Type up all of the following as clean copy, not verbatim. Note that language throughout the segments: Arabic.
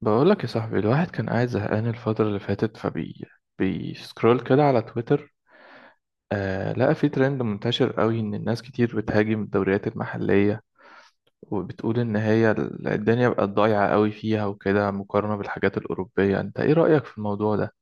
بقولك يا صاحبي، الواحد كان قاعد زهقان الفترة اللي فاتت، فبي بيسكرول كده على تويتر. لقى في ترند منتشر قوي إن الناس كتير بتهاجم الدوريات المحلية، وبتقول إن هي الدنيا بقت ضايعة قوي فيها وكده مقارنة بالحاجات الأوروبية. أنت إيه رأيك في الموضوع ده؟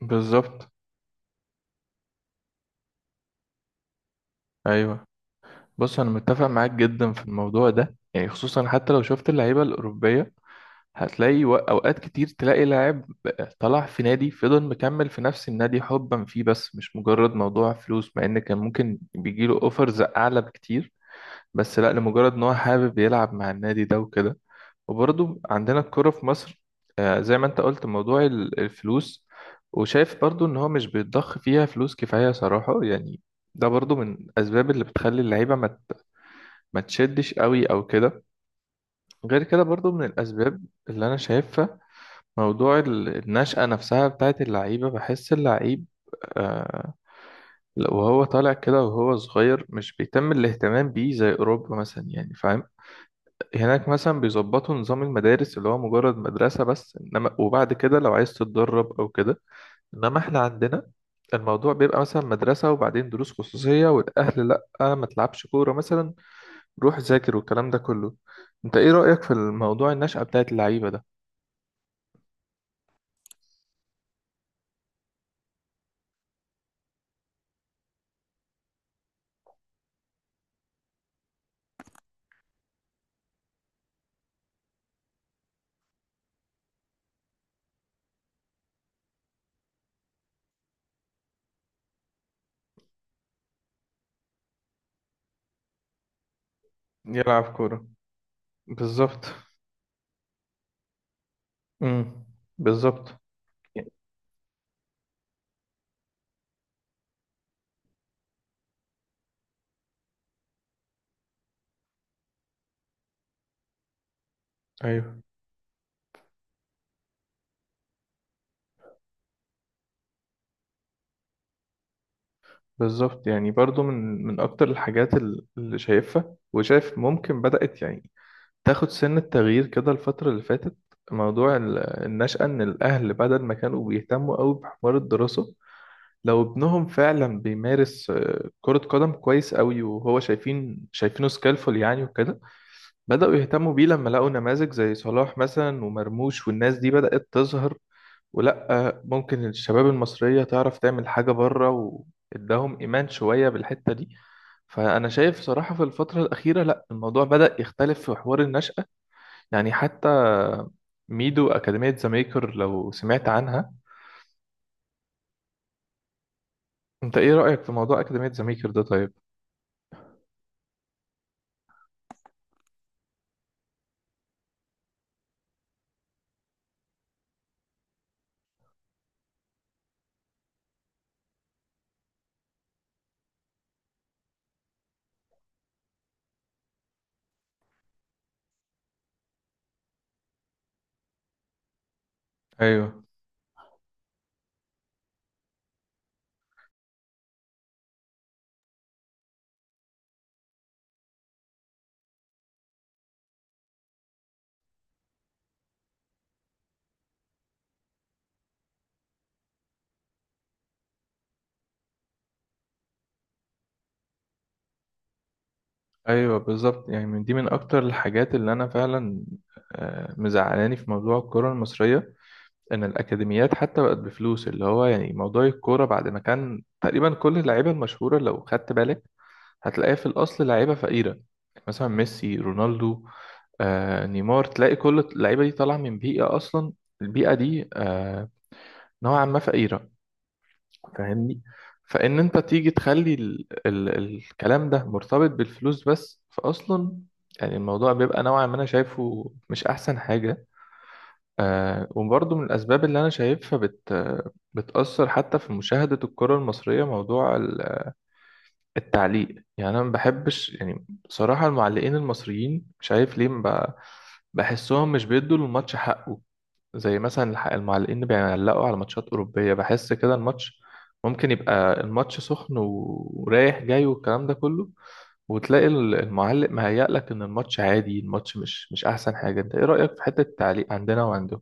بالظبط. أيوه، بص أنا متفق معاك جدا في الموضوع ده، يعني خصوصا حتى لو شفت اللعيبة الأوروبية هتلاقي اوقات كتير تلاقي لاعب طلع في نادي فضل مكمل في نفس النادي حبا فيه، بس مش مجرد موضوع فلوس، مع ان كان ممكن بيجيله اوفرز اعلى بكتير، بس لا، لمجرد ان هو حابب يلعب مع النادي ده وكده. وبرضه عندنا الكرة في مصر، زي ما انت قلت، موضوع الفلوس. وشايف برضه ان هو مش بيتضخ فيها فلوس كفاية صراحة، يعني ده برضه من الاسباب اللي بتخلي اللعيبة ما تشدش قوي او كده. غير كده برضه من الاسباب اللي انا شايفها، موضوع النشأة نفسها بتاعت اللعيبة. بحس اللعيب، آه وهو طالع كده وهو صغير، مش بيتم الاهتمام بيه زي أوروبا مثلا، يعني فاهم. هناك مثلا بيظبطوا نظام المدارس اللي هو مجرد مدرسة بس، إنما وبعد كده لو عايز تتدرب أو كده. إنما إحنا عندنا الموضوع بيبقى مثلا مدرسة وبعدين دروس خصوصية، والأهل لأ، ما تلعبش كورة مثلا، روح ذاكر والكلام ده كله. أنت إيه رأيك في الموضوع النشأة بتاعت اللعيبة ده؟ يلعب كورة. بالظبط. امم. بالظبط. ايوه بالظبط، يعني برضو من من اكتر الحاجات اللي شايفها وشايف ممكن بدأت، يعني تاخد سن التغيير كده الفترة اللي فاتت، موضوع النشأة. ان الاهل بدل ما كانوا بيهتموا قوي بحوار الدراسة، لو ابنهم فعلا بيمارس كرة قدم كويس قوي وهو شايفينه سكيلفul يعني وكده، بدأوا يهتموا بيه لما لقوا نماذج زي صلاح مثلا ومرموش والناس دي بدأت تظهر، ولا ممكن الشباب المصرية تعرف تعمل حاجة بره، واداهم إيمان شوية بالحتة دي. فأنا شايف صراحة في الفترة الأخيرة لا، الموضوع بدأ يختلف في حوار النشأة، يعني حتى ميدو أكاديمية ذا ميكر لو سمعت عنها. أنت إيه رأيك في موضوع أكاديمية ذا ميكر ده طيب؟ أيوه. أيوه بالظبط، يعني من دي من أكتر الحاجات اللي أنا فعلا مزعلاني في موضوع الكرة المصرية، ان الاكاديميات حتى بقت بفلوس، اللي هو يعني موضوع الكوره بعد ما كان تقريبا كل اللعيبه المشهوره لو خدت بالك هتلاقيها في الاصل لعيبه فقيره، مثلا ميسي، رونالدو، نيمار، تلاقي كل اللعيبه دي طالعه من بيئه اصلا البيئه دي نوعا ما فقيره، فاهمني. فان انت تيجي تخلي ال الكلام ده مرتبط بالفلوس بس فاصلا، يعني الموضوع بيبقى نوعا ما انا شايفه مش احسن حاجه. وبرضه من الأسباب اللي أنا شايفها بتأثر حتى في مشاهدة الكرة المصرية، موضوع التعليق. يعني أنا ما بحبش، يعني بصراحة المعلقين المصريين مش عارف ليه، ما ب- بحسهم مش بيدوا للماتش حقه. زي مثلا المعلقين اللي بيعلقوا على ماتشات أوروبية بحس كده الماتش ممكن يبقى الماتش سخن ورايح جاي والكلام ده كله، وتلاقي المعلق مهيأ لك إن الماتش عادي، الماتش مش أحسن حاجة. أنت إيه رأيك في حتة التعليق عندنا وعندهم؟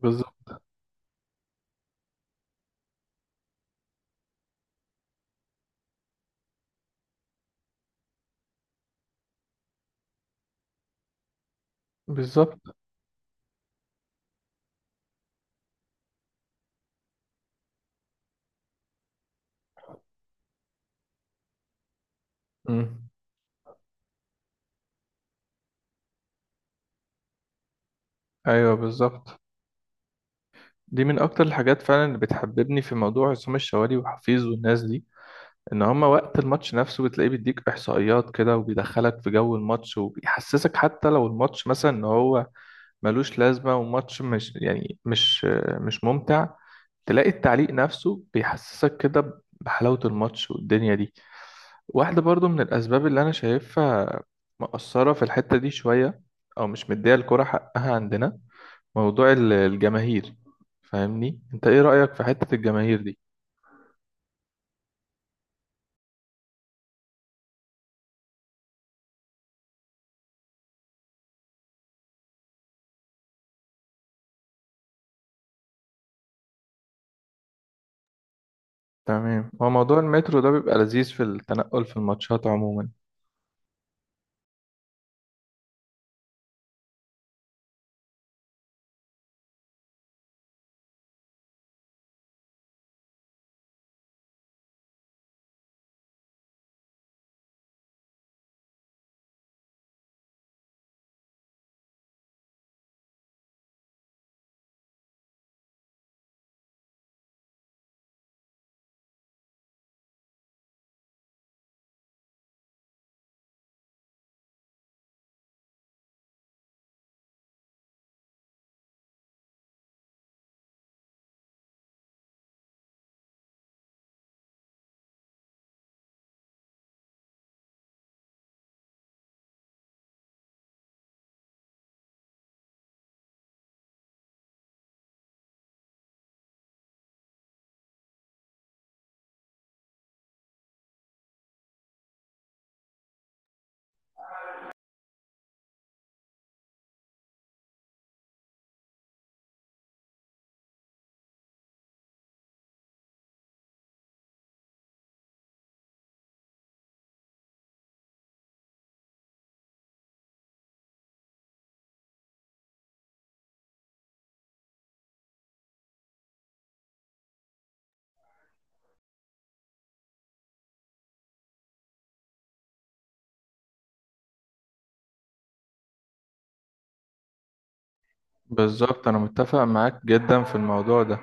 بالظبط. بالظبط. مم. ايوه بالظبط، دي من اكتر الحاجات فعلا اللي بتحببني في موضوع عصام الشوالي وحفيظ والناس دي، ان هما وقت الماتش نفسه بتلاقيه بيديك احصائيات كده وبيدخلك في جو الماتش وبيحسسك حتى لو الماتش مثلا ان هو ملوش لازمه وماتش مش، يعني مش ممتع، تلاقي التعليق نفسه بيحسسك كده بحلاوه الماتش والدنيا دي. واحده برضو من الاسباب اللي انا شايفها مقصره في الحته دي شويه، او مش مديه الكره حقها عندنا، موضوع الجماهير. فاهمني، انت ايه رأيك في حتة الجماهير دي؟ تمام، هو موضوع المترو ده بيبقى لذيذ في التنقل في الماتشات عموما. بالظبط، انا متفق معاك جدا في الموضوع ده.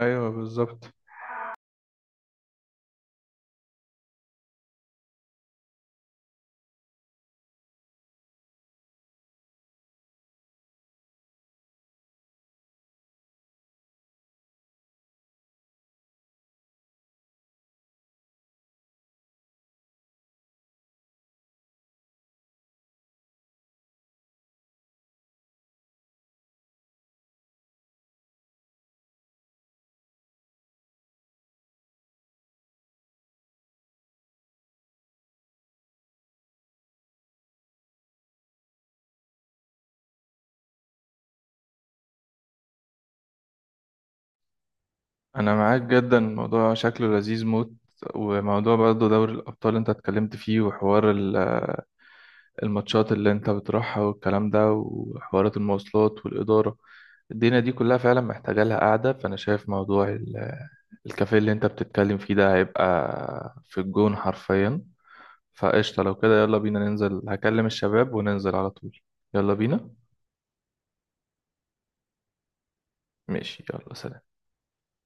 ايوه بالظبط. انا معاك جدا، الموضوع شكله لذيذ موت. وموضوع برضه دوري الابطال انت اتكلمت فيه، وحوار الماتشات اللي انت بتروحها والكلام ده، وحوارات المواصلات والاداره، الدنيا دي كلها فعلا محتاجه لها قاعده. فانا شايف موضوع الكافيه اللي انت بتتكلم فيه ده هيبقى في الجون حرفيا. فقشطة، لو كده يلا بينا ننزل، هكلم الشباب وننزل على طول. يلا بينا. ماشي، يلا سلام.